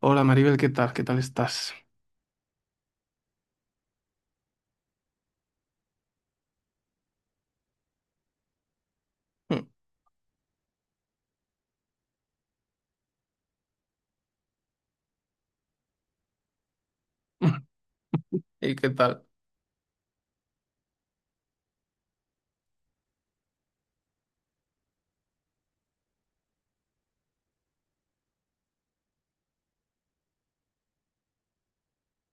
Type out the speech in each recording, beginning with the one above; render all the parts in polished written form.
Hola Maribel, ¿qué tal? ¿Qué tal estás? Mm, mm, ¿y qué tal?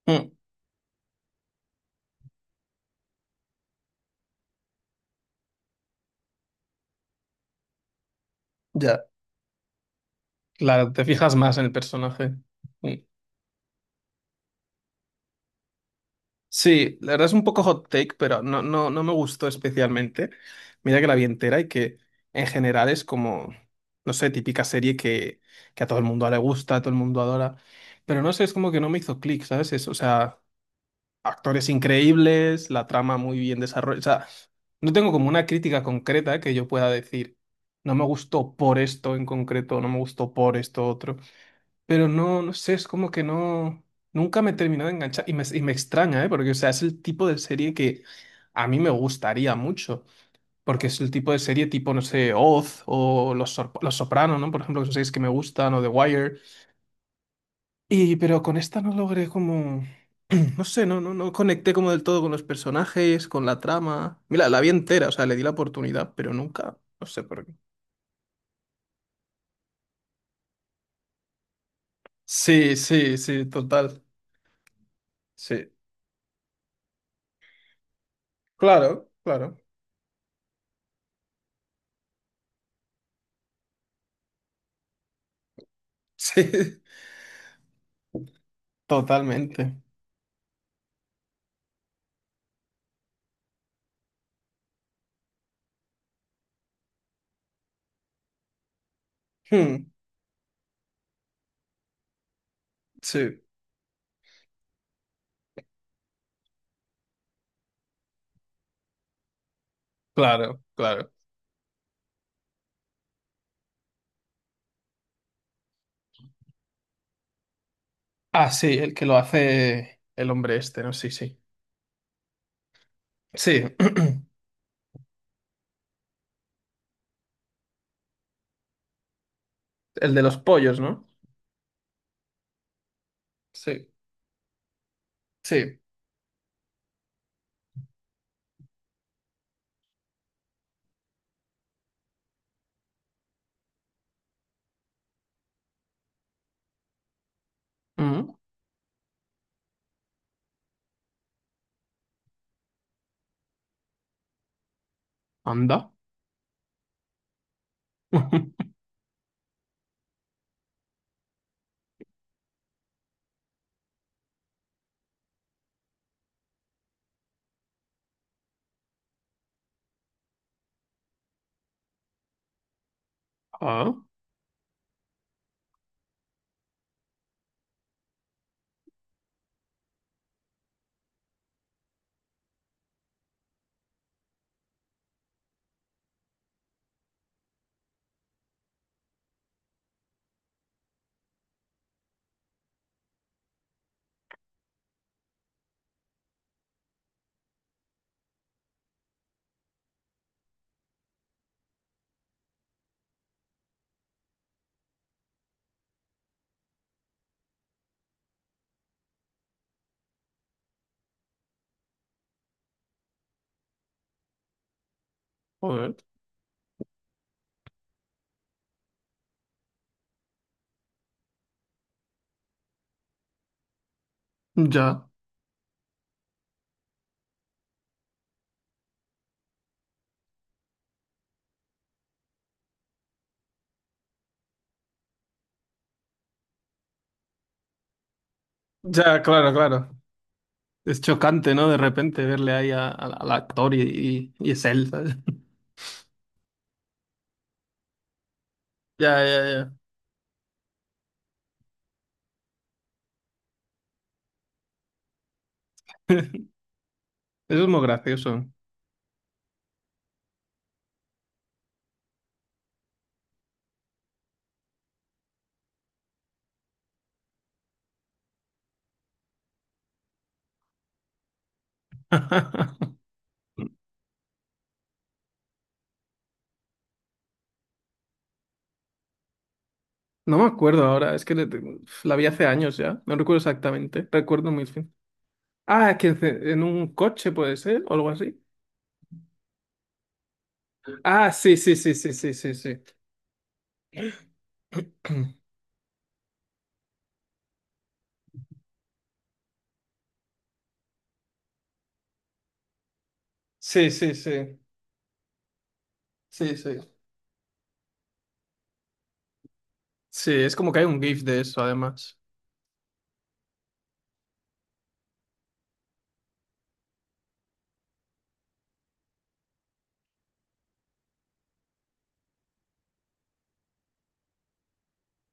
Mm. Ya, claro, te fijas más en el personaje. Mm. Sí, la verdad es un poco hot take, pero no me gustó especialmente. Mira que la vi entera y que en general es como, no sé, típica serie que a todo el mundo le gusta, a todo el mundo adora. Pero no sé, es como que no me hizo clic, ¿sabes? Es, o sea, actores increíbles, la trama muy bien desarrollada. O sea, no tengo como una crítica concreta que yo pueda decir, no me gustó por esto en concreto, no me gustó por esto otro. Pero no, no sé, es como que no, nunca me he terminado de enganchar y me extraña, ¿eh? Porque, o sea, es el tipo de serie que a mí me gustaría mucho. Porque es el tipo de serie tipo, no sé, Oz o Los Sopranos, ¿no? Por ejemplo, que son series que me gustan, o The Wire. Y pero con esta no logré como... No sé, no conecté como del todo con los personajes, con la trama. Mira, la vi entera, o sea, le di la oportunidad, pero nunca, no sé por qué. Sí, sí, sí, total. Sí. Claro, claro. Sí, totalmente. Hmm. Sí, claro, claro. Ah, sí, el que lo hace el hombre este, ¿no? Sí, sí. Sí, el de los pollos, ¿no? Sí, sí. Mm. Anda. Ah, joder. Ya. Ya, claro, claro. Es chocante, ¿no? De repente verle ahí al actor y es él, ¿sabes? Ya, ya, ya. Eso es muy gracioso. No me acuerdo ahora, la vi hace años ya, no recuerdo exactamente, recuerdo muy bien. Ah, que en un coche puede ser, o algo así. Ah, sí, sí, sí, sí, sí, sí, sí. Sí, sí, sí, sí, sí. Sí, es como que hay un GIF de eso, además.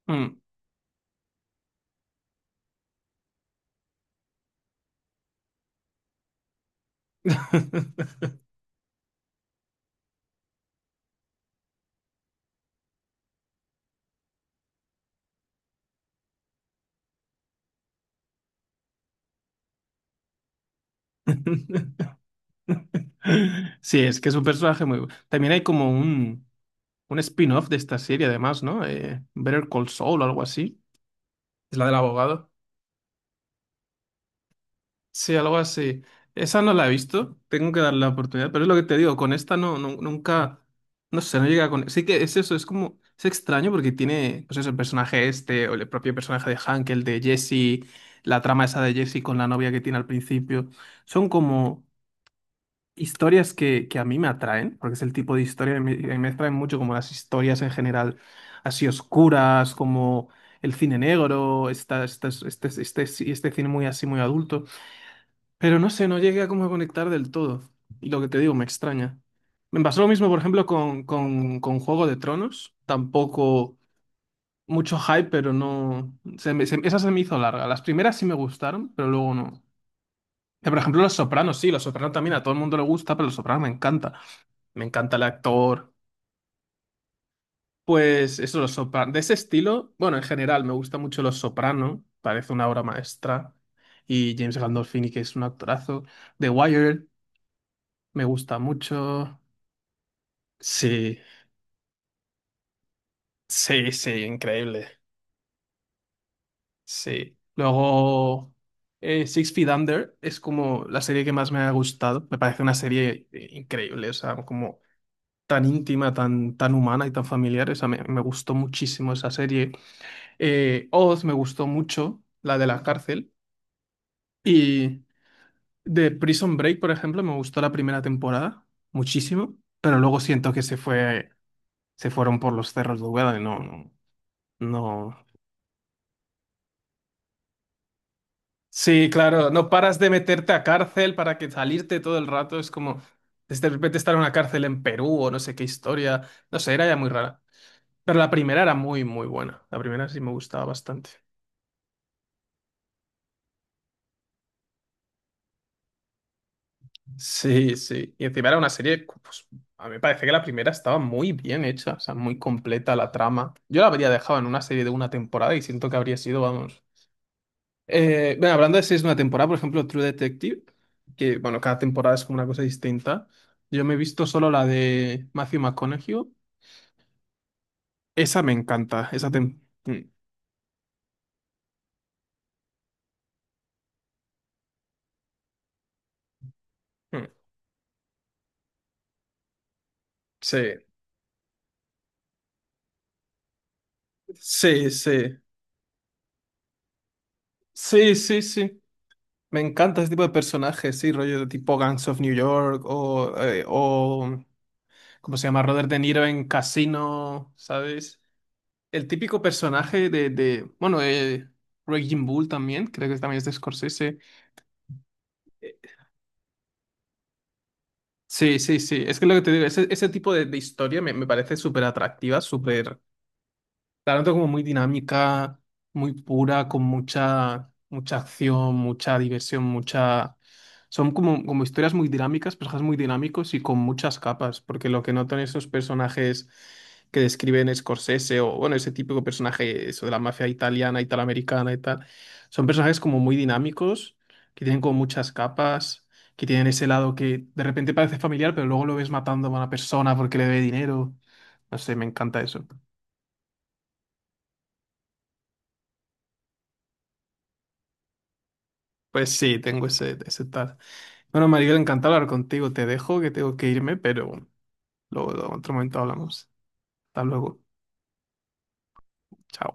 Mm. Sí, es que es un personaje muy... También hay como un spin-off de esta serie, además, ¿no? Better Call Saul o algo así. Es la del abogado. Sí, algo así. Esa no la he visto. Tengo que darle la oportunidad. Pero es lo que te digo, con esta no, nunca. No sé, no llega con. Sí que es eso, es como. Es extraño porque tiene, pues eso, el personaje este, o el propio personaje de Hank, el de Jesse, la trama esa de Jesse con la novia que tiene al principio. Son como historias que a mí me atraen, porque es el tipo de historia que me atraen mucho, como las historias en general así oscuras, como el cine negro, este cine muy así, muy adulto. Pero no sé, no llegué a como conectar del todo. Y lo que te digo, me extraña. Me pasó lo mismo, por ejemplo, con Juego de Tronos. Tampoco mucho hype, pero no... esa se me hizo larga. Las primeras sí me gustaron, pero luego no. Por ejemplo, Los Sopranos, sí, Los Sopranos también a todo el mundo le gusta, pero Los Sopranos me encanta, me encanta el actor. Pues eso, los sopranos. De ese estilo, bueno, en general me gusta mucho Los Soprano, parece una obra maestra. Y James Gandolfini, que es un actorazo. The Wire, me gusta mucho. Sí, sí, sí, increíble. Sí. Luego, Six Feet Under es como la serie que más me ha gustado. Me parece una serie increíble, o sea, como tan íntima, tan humana y tan familiar. O sea, me gustó muchísimo esa serie. Oz me gustó mucho, la de la cárcel. Y de Prison Break, por ejemplo, me gustó la primera temporada muchísimo, pero luego siento que se fue, se fueron por los cerros de Úbeda y no. Sí, claro, no paras de meterte a cárcel para que salirte todo el rato. Es como de repente estar en una cárcel en Perú o no sé qué historia. No sé, era ya muy rara. Pero la primera era muy, muy buena. La primera sí me gustaba bastante. Sí, sí. Y encima era una serie, pues a mí me parece que la primera estaba muy bien hecha, o sea, muy completa la trama. Yo la habría dejado en una serie de una temporada y siento que habría sido, vamos. Bueno, hablando de series de una temporada, por ejemplo, True Detective, que bueno, cada temporada es como una cosa distinta. Yo me he visto solo la de Matthew McConaughey. Esa me encanta, esa tem... Mm, mm. Sí, sí, sí. Sí, sí, sí. Me encanta ese tipo de personajes, sí, rollo de tipo Gangs of New York o ¿cómo se llama? Robert De Niro en Casino, ¿sabes? El típico personaje de bueno, Raging Bull también, creo que también es de Scorsese. Eh, Sí, sí, sí. Es que lo que te digo, ese tipo de historia me parece súper atractiva, súper. La noto como muy dinámica, muy pura, con mucha acción, mucha diversión, mucha... Son como, como historias muy dinámicas, personajes muy dinámicos y con muchas capas, porque lo que noto en esos personajes que describen Scorsese o, bueno, ese típico personaje, eso de la mafia italiana, italoamericana y tal, son personajes como muy dinámicos, que tienen como muchas capas, que tienen ese lado que de repente parece familiar, pero luego lo ves matando a una persona porque le debe dinero. No sé, me encanta eso. Pues sí, tengo ese, ese tal. Bueno, María, encantado hablar contigo. Te dejo que tengo que irme, pero luego en otro momento hablamos. Hasta luego. Chao.